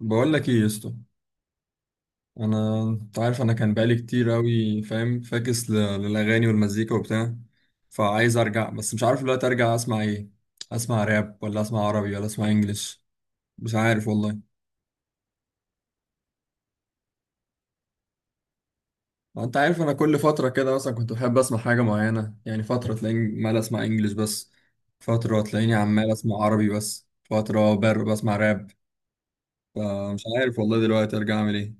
بقول لك ايه يا اسطى؟ انت عارف انا كان بقالي كتير قوي فاهم فاكس للاغاني والمزيكا وبتاع. فعايز ارجع، بس مش عارف دلوقتي ارجع اسمع ايه، اسمع راب ولا اسمع عربي ولا اسمع انجليش؟ مش عارف والله. ما انت عارف انا كل فتره كده مثلا كنت بحب اسمع حاجه معينه، يعني فتره تلاقيني مال اسمع انجليش بس، فتره تلاقيني عمال اسمع عربي بس، فتره بسمع راب. فمش عارف والله دلوقتي ارجع اعمل ايه.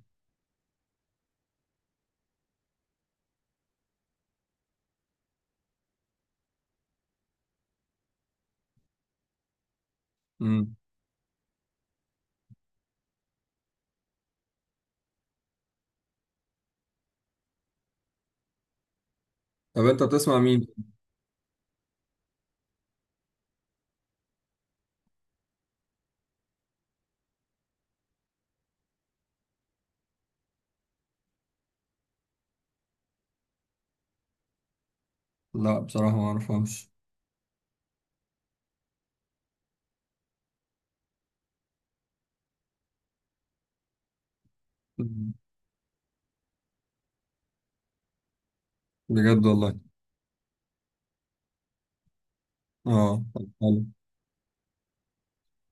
امم طب انت بتسمع مين؟ لا بصراحه ما اعرفهمش. مم. بجد والله. اه، طب حلو.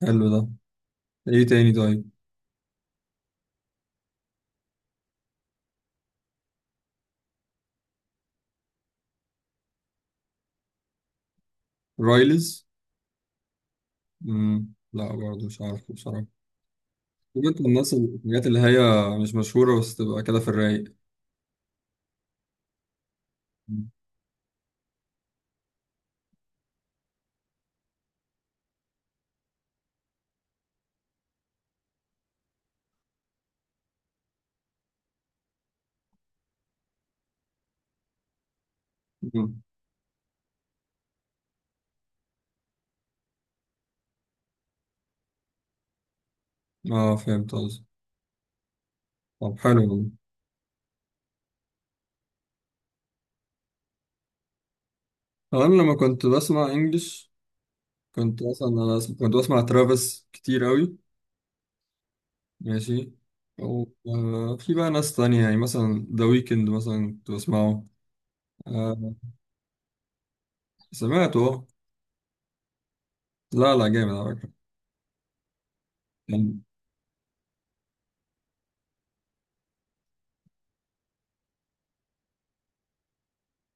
حلو ده. ايه تاني طيب؟ رايلز. مم. لا برضه مش عارف بصراحة. طب انت الناس الحاجات اللي هي مش مشهورة بس تبقى كده في الرايق؟ مم. مم. اه فهمت قصدي. طب حلو والله. انا لما كنت بسمع انجلش كنت اصلا انا كنت بسمع ترافيس كتير قوي. ماشي. او آه، في بقى ناس تانية، يعني مثلا ذا ويكند مثلا كنت بسمعه. آه. سمعته اه. لا لا، جامد على فكرة.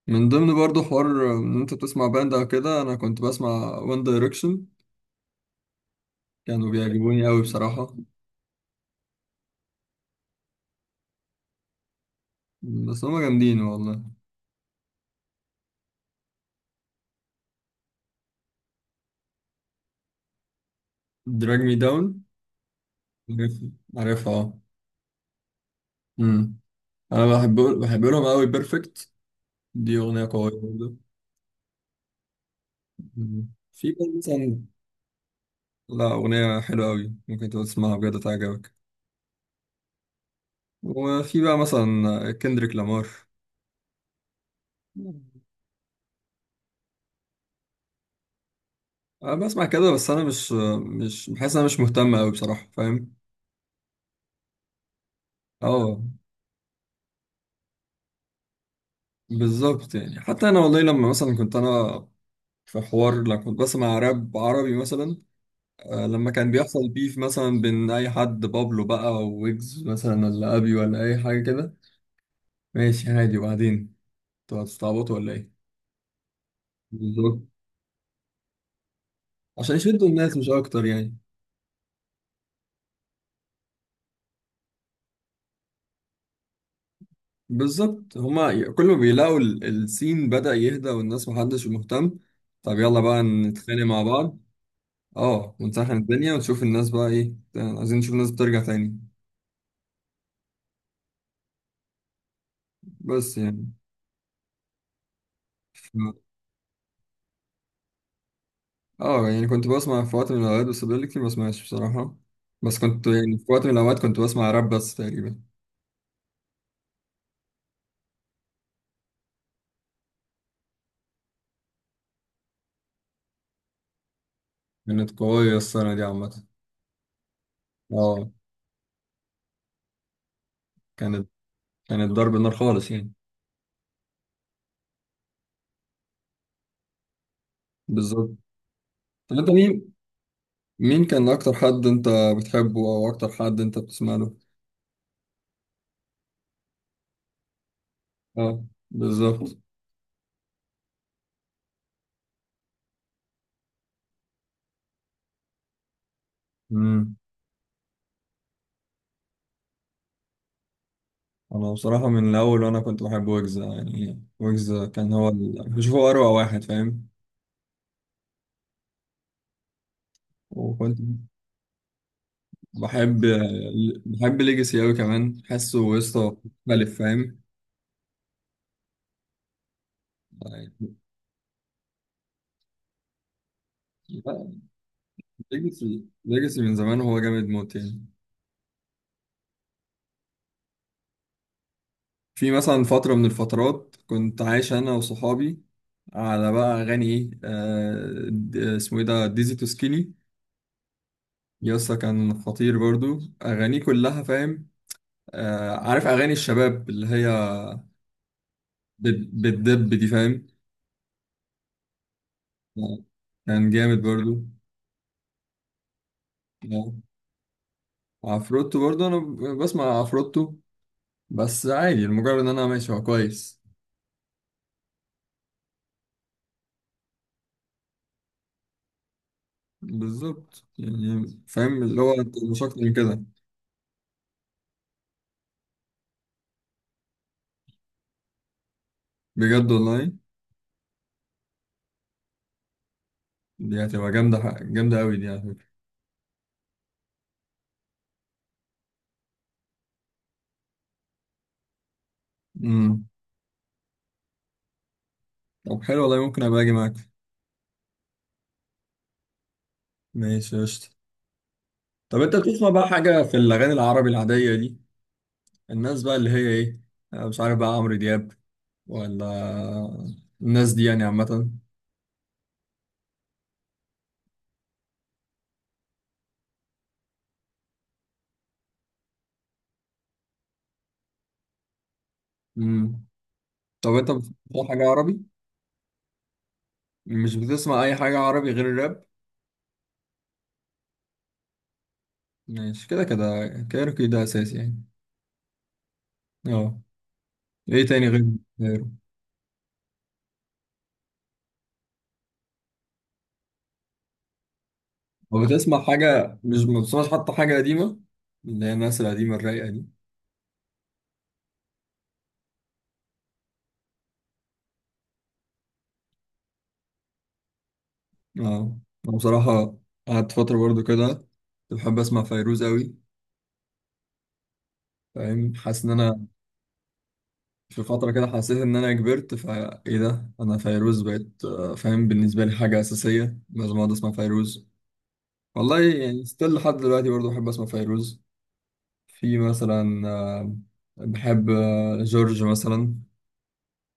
من ضمن برضو حوار ان انت بتسمع باند او كده، انا كنت بسمع وان دايركشن، كانوا بيعجبوني قوي بصراحة. بس هما جامدين والله. دراج مي داون. عارفها اه. امم انا بحب لهم قوي بيرفكت، دي اغنية قوية برضو. أمم. في بقى مثلا. لا، اغنية حلوة قوي ممكن تبقى تسمعها بجد تعجبك. وفي بقى مثلا كندريك لامار. انا بسمع كده، بس انا مش بحس إن انا مش مهتم قوي بصراحة فاهم. اه بالظبط. يعني حتى انا والله لما مثلا كنت انا في حوار لما كنت بسمع راب عربي مثلا، لما كان بيحصل بيف مثلا بين اي حد، بابلو بقى او ويجز مثلا ولا ابي ولا اي حاجه كده، ماشي عادي. وبعدين انتوا هتستعبطوا ولا ايه؟ بالظبط، عشان يشدوا الناس مش اكتر يعني. بالظبط. هما كل ما بيلاقوا السين بدأ يهدى والناس محدش مهتم، طب يلا بقى نتخانق مع بعض. اه ونسخن الدنيا ونشوف الناس بقى ايه، عايزين نشوف الناس بترجع تاني. بس يعني. اه يعني كنت بسمع في وقت من الأوقات، بس بقالي كتير ما بسمعش بصراحة. بس كنت يعني في وقت من الأوقات كنت بسمع راب بس تقريبا. كانت قوية السنة دي عامة. اه. كانت كانت ضرب النار خالص يعني. بالظبط. طب انت مين، مين كان أكتر حد انت بتحبه أو أكتر حد انت بتسمع له؟ اه بالظبط. امم أنا بصراحة من الأول وأنا كنت بحب ويجز، يعني ويجز كان هو ال... بشوفه أروع واحد فاهم. وكنت بحب بحب ليجاسي أوي كمان، حاسه قصة مختلف فاهم. ليجاسي ليجاسي من زمان وهو جامد موت يعني. في مثلا فترة من الفترات كنت عايش أنا وصحابي على بقى أغاني إيه، آه، اسمه إيه ده، ديزي تو سكيني. يسا كان خطير برضو أغانيه كلها فاهم. آه، عارف أغاني الشباب اللي هي بتدب دي فاهم. آه، كان جامد برضو. آه، عفروتو برضو أنا بسمع عفروتو، بس عادي المجرد ان انا ماشي هو كويس. بالظبط يعني فاهم، اللي هو انت مش اكتر من كده. بجد والله. دي هتبقى جامده، جامده قوي دي على فكره. امم طب حلو والله ممكن ابقى اجي معاك. ماشي قشطه. طب انت بتسمع بقى حاجه في الاغاني العربي العاديه دي، الناس بقى اللي هي ايه، أنا مش عارف بقى عمرو دياب ولا الناس دي يعني عامه؟ امم طب انت بتسمع حاجه عربي، مش بتسمع اي حاجه عربي غير الراب؟ ماشي، كده كده كايروكي ده اساسي يعني. اه. ايه تاني غير الكايرو؟ هو بتسمع حاجة، مش ما بتسمعش حتى حاجة قديمة، اللي هي الناس القديمة الرايقة دي؟ اه انا بصراحة قعدت فترة برضو كده كنت بحب اسمع فيروز قوي فاهم، حاسس ان انا في فترة كده حسيت ان انا كبرت، فا ايه ده انا فيروز بقت آه، فاهم بالنسبة لي حاجة اساسية لازم اقعد اسمع فيروز. والله يعني ستيل لحد دلوقتي برضو بحب اسمع فيروز. في مثلا بحب جورج مثلا،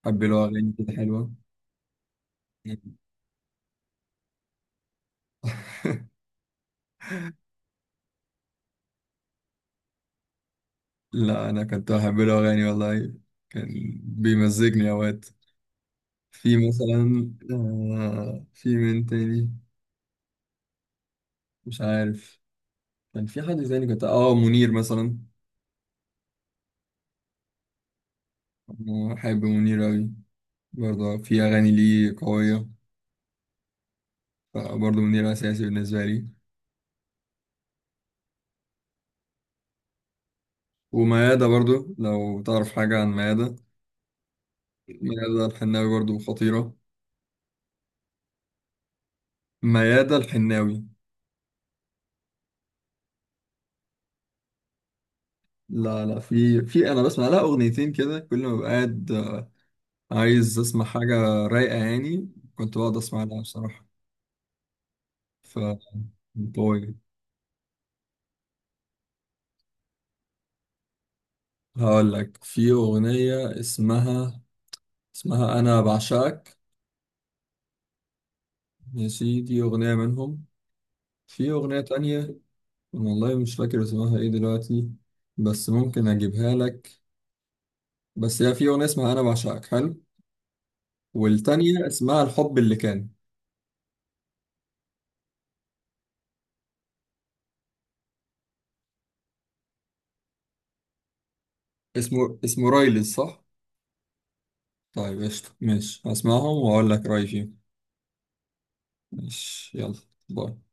بحب له اغاني كده حلوة. لا انا كنت بحب له اغاني والله، كان بيمزجني اوقات. في مثلا آه، في من تاني، مش عارف. كان في حد تاني كنت اه منير مثلا. أنا بحب منير اوي، برضه في اغاني ليه قوية، فبرضه منير اساسي بالنسبة لي. وميادة برضه لو تعرف حاجة عن ميادة، ميادة الحناوي برضه خطيرة. ميادة الحناوي. لا لا، في انا بسمع لها اغنيتين كده، كل ما ببقى قاعد عايز اسمع حاجة رايقة يعني، كنت بقعد اسمع لها بصراحة. ف باي. هقول لك في أغنية، اسمها أنا بعشقك. ماشي. دي أغنية منهم. في أغنية تانية. والله مش فاكر اسمها ايه دلوقتي، بس ممكن أجيبها لك. بس هي في أغنية اسمها أنا بعشقك حلو، والتانية اسمها الحب اللي كان. اسمه رايلز صح؟ طيب قشطة، ماشي هسمعهم وأقول لك رأيي فيهم. ماشي يلا. باي.